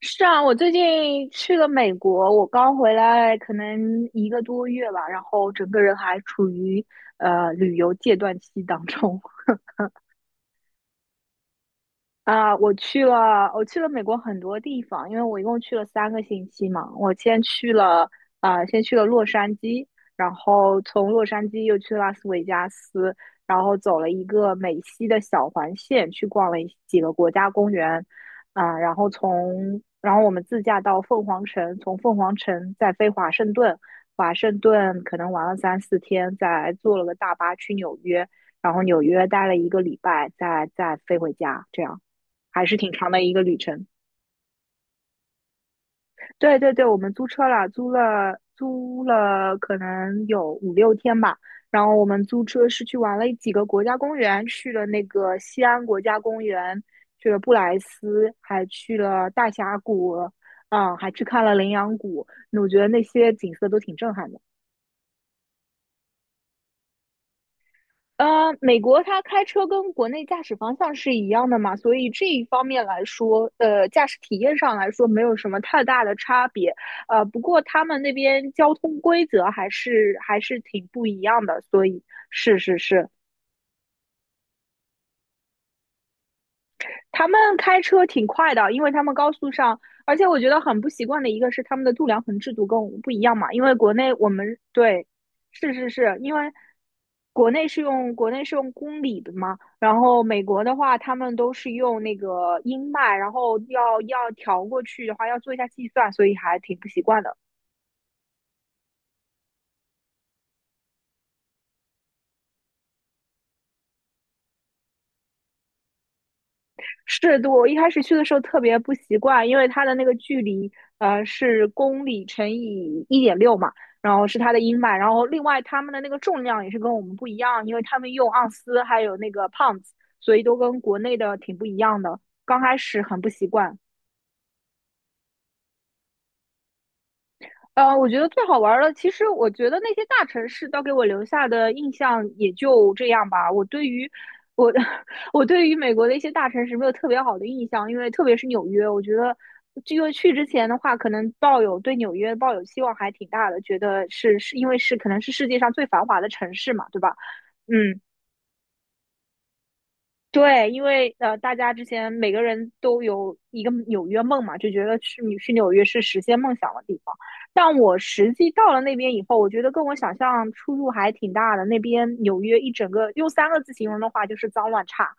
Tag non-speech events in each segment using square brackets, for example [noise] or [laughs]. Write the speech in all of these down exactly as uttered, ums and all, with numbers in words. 是啊，我最近去了美国，我刚回来，可能一个多月吧，然后整个人还处于呃旅游戒断期当中。啊，我去了，我去了美国很多地方，因为我一共去了三个星期嘛。我先去了啊、先去了洛杉矶，然后从洛杉矶又去拉斯维加斯，然后走了一个美西的小环线，去逛了一几个国家公园。啊、然后从然后我们自驾到凤凰城，从凤凰城再飞华盛顿。华盛顿可能玩了三四天，再坐了个大巴去纽约，然后纽约待了一个礼拜，再再飞回家，这样。还是挺长的一个旅程。对对对，我们租车了，租了租了可能有五六天吧。然后我们租车是去玩了几个国家公园，去了那个西安国家公园，去了布莱斯，还去了大峡谷，嗯，还去看了羚羊谷。那我觉得那些景色都挺震撼的。呃，美国它开车跟国内驾驶方向是一样的嘛，所以这一方面来说，呃，驾驶体验上来说没有什么太大的差别。呃，不过他们那边交通规则还是还是挺不一样的，所以。是是是。他们开车挺快的，因为他们高速上。而且我觉得很不习惯的一个是他们的度量衡制度跟我们不一样嘛，因为国内我们对。是是是，因为国内是用国内是用公里的嘛，然后美国的话他们都是用那个英迈，然后要要调过去的话要做一下计算，所以还挺不习惯的。是，对，我一开始去的时候特别不习惯，因为它的那个距离，呃，是公里乘以一点六嘛，然后是它的英迈，然后另外他们的那个重量也是跟我们不一样，因为他们用盎司还有那个 p 子，所以都跟国内的挺不一样的，刚开始很不习惯。呃，我觉得最好玩儿的，其实我觉得那些大城市都给我留下的印象也就这样吧。我对于我 [laughs] 我对于美国的一些大城市没有特别好的印象，因为特别是纽约，我觉得因为去之前的话，可能抱有对纽约抱有希望还挺大的，觉得是是因为是可能是世界上最繁华的城市嘛，对吧？嗯，对，因为呃，大家之前每个人都有一个纽约梦嘛，就觉得去你去纽约是实现梦想的地方。但我实际到了那边以后，我觉得跟我想象出入还挺大的。那边纽约一整个用三个字形容的话，就是脏乱差。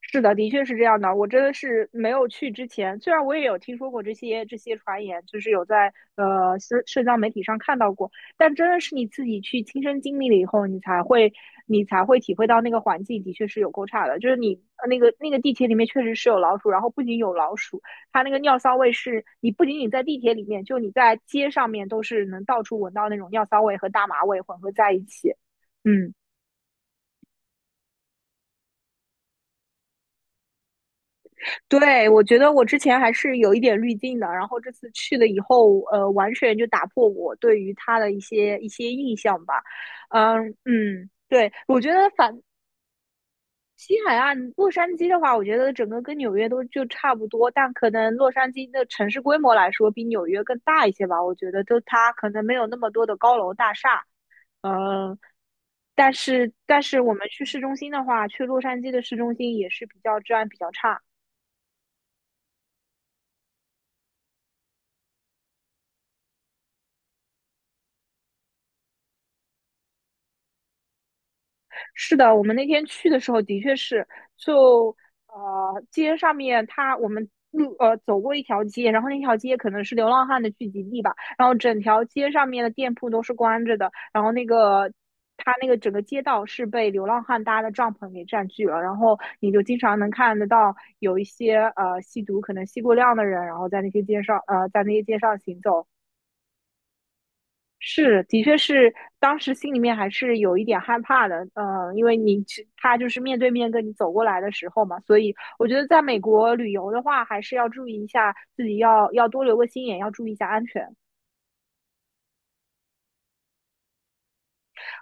是的，的确是这样的。我真的是没有去之前，虽然我也有听说过这些这些传言，就是有在呃社社交媒体上看到过，但真的是你自己去亲身经历了以后，你才会你才会体会到那个环境的确是有够差的。就是你呃那个那个地铁里面确实是有老鼠，然后不仅有老鼠，它那个尿骚味是你不仅仅在地铁里面，就你在街上面都是能到处闻到那种尿骚味和大麻味混合在一起。嗯，对，我觉得我之前还是有一点滤镜的，然后这次去了以后，呃，完全就打破我对于它的一些一些印象吧。嗯嗯，对。我觉得反西海岸洛杉矶的话，我觉得整个跟纽约都就差不多，但可能洛杉矶的城市规模来说比纽约更大一些吧。我觉得就它可能没有那么多的高楼大厦，嗯，但是但是我们去市中心的话，去洛杉矶的市中心也是比较治安比较差。是的，我们那天去的时候的确是，就呃街上面它我们路呃走过一条街，然后那条街可能是流浪汉的聚集地吧，然后整条街上面的店铺都是关着的，然后那个它那个整个街道是被流浪汉搭的帐篷给占据了，然后你就经常能看得到有一些呃吸毒可能吸过量的人，然后在那些街上呃在那些街上行走。是，的确是，当时心里面还是有一点害怕的，嗯，因为你去他就是面对面跟你走过来的时候嘛，所以我觉得在美国旅游的话，还是要注意一下自己要要多留个心眼，要注意一下安全。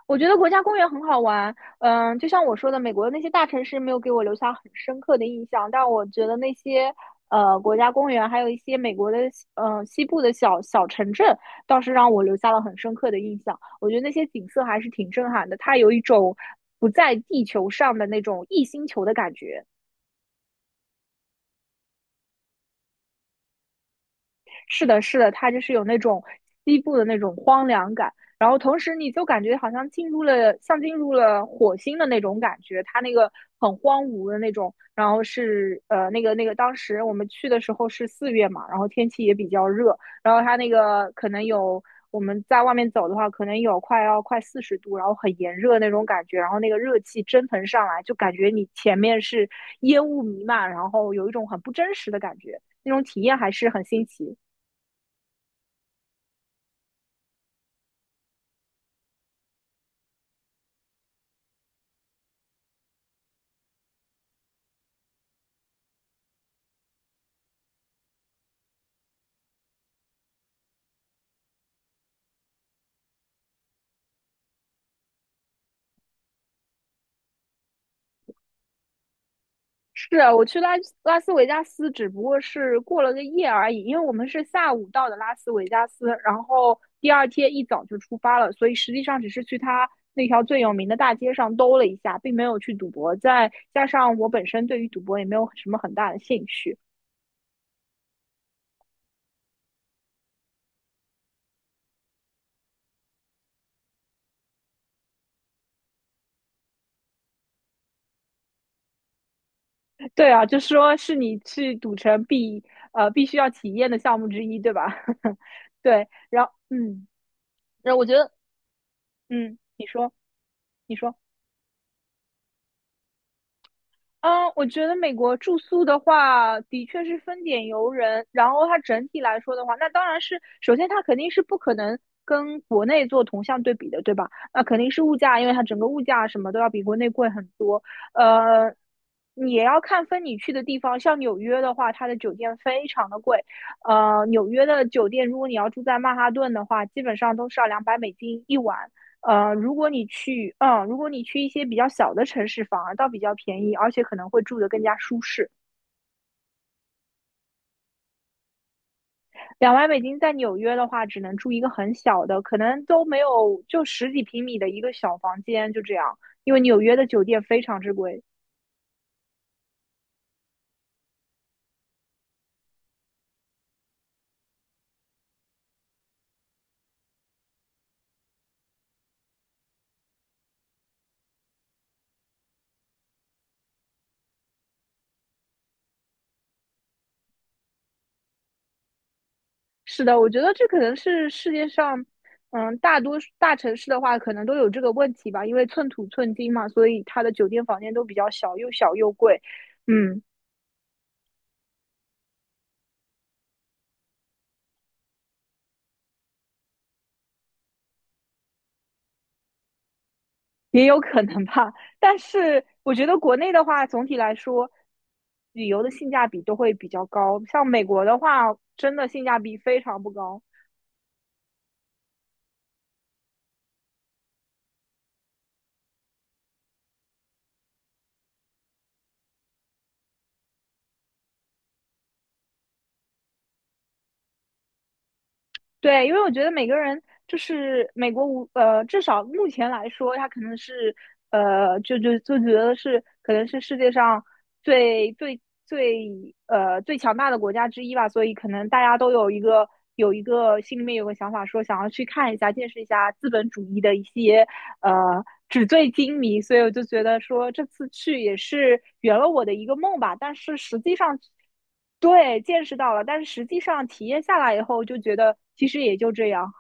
我觉得国家公园很好玩，嗯，就像我说的，美国的那些大城市没有给我留下很深刻的印象，但我觉得那些呃国家公园，还有一些美国的呃西部的小小城镇，倒是让我留下了很深刻的印象。我觉得那些景色还是挺震撼的，它有一种不在地球上的那种异星球的感觉。是的，是的，它就是有那种西部的那种荒凉感，然后同时你就感觉好像进入了，像进入了火星的那种感觉，它那个很荒芜的那种，然后是呃那个那个当时我们去的时候是四月嘛，然后天气也比较热，然后它那个可能有。我们在外面走的话，可能有快要快四十度，然后很炎热那种感觉，然后那个热气蒸腾上来，就感觉你前面是烟雾弥漫，然后有一种很不真实的感觉，那种体验还是很新奇。是啊，我去拉拉斯维加斯，只不过是过了个夜而已，因为我们是下午到的拉斯维加斯，然后第二天一早就出发了，所以实际上只是去他那条最有名的大街上兜了一下，并没有去赌博。再加上我本身对于赌博也没有什么很大的兴趣。对啊，就说是你去赌城必呃必须要体验的项目之一，对吧？[laughs] 对，然后嗯，然后我觉得嗯，你说。你说。嗯，我觉得美国住宿的话，的确是分点游人。然后它整体来说的话，那当然是首先它肯定是不可能跟国内做同向对比的，对吧？那肯定是物价，因为它整个物价什么都要比国内贵很多。呃，你也要看分你去的地方，像纽约的话，它的酒店非常的贵。呃，纽约的酒店，如果你要住在曼哈顿的话，基本上都是要两百美金一晚。呃，如果你去，嗯，如果你去一些比较小的城市，反而倒比较便宜，而且可能会住得更加舒适。两万美金在纽约的话，只能住一个很小的，可能都没有，就十几平米的一个小房间，就这样。因为纽约的酒店非常之贵。是的，我觉得这可能是世界上，嗯，大多数大城市的话，可能都有这个问题吧，因为寸土寸金嘛，所以它的酒店房间都比较小，又小又贵。嗯，也有可能吧。但是我觉得国内的话，总体来说，旅游的性价比都会比较高。像美国的话，真的性价比非常不高。对，因为我觉得每个人就是美国无呃，至少目前来说，他可能是呃，就就就觉得是可能是世界上最最最呃最强大的国家之一吧，所以可能大家都有一个有一个心里面有个想法，说想要去看一下、见识一下资本主义的一些呃纸醉金迷，所以我就觉得说这次去也是圆了我的一个梦吧。但是实际上，对，见识到了，但是实际上体验下来以后，就觉得其实也就这样。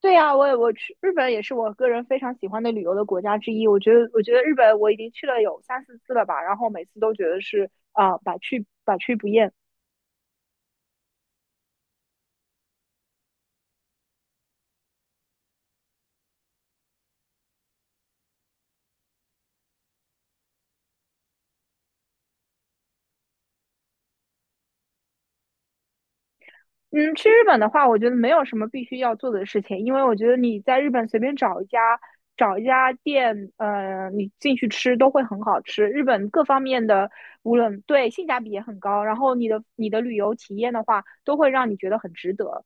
对呀，啊我也我去日本也是我个人非常喜欢的旅游的国家之一。我觉得，我觉得日本我已经去了有三四次了吧，然后每次都觉得是啊、呃百去百去不厌。嗯，去日本的话，我觉得没有什么必须要做的事情，因为我觉得你在日本随便找一家找一家店，呃，你进去吃都会很好吃。日本各方面的，无论对性价比也很高，然后你的你的旅游体验的话，都会让你觉得很值得。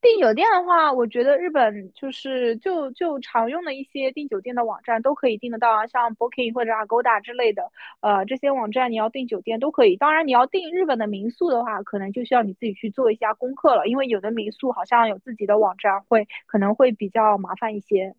订酒店的话，我觉得日本就是就就常用的一些订酒店的网站都可以订得到啊，像 Booking 或者 Agoda 之类的，呃，这些网站你要订酒店都可以。当然，你要订日本的民宿的话，可能就需要你自己去做一下功课了，因为有的民宿好像有自己的网站会，可能会比较麻烦一些。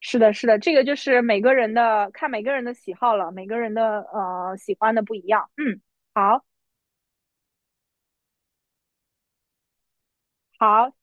是的，是的，这个就是每个人的看每个人的喜好了，每个人的呃喜欢的不一样。嗯，好，好。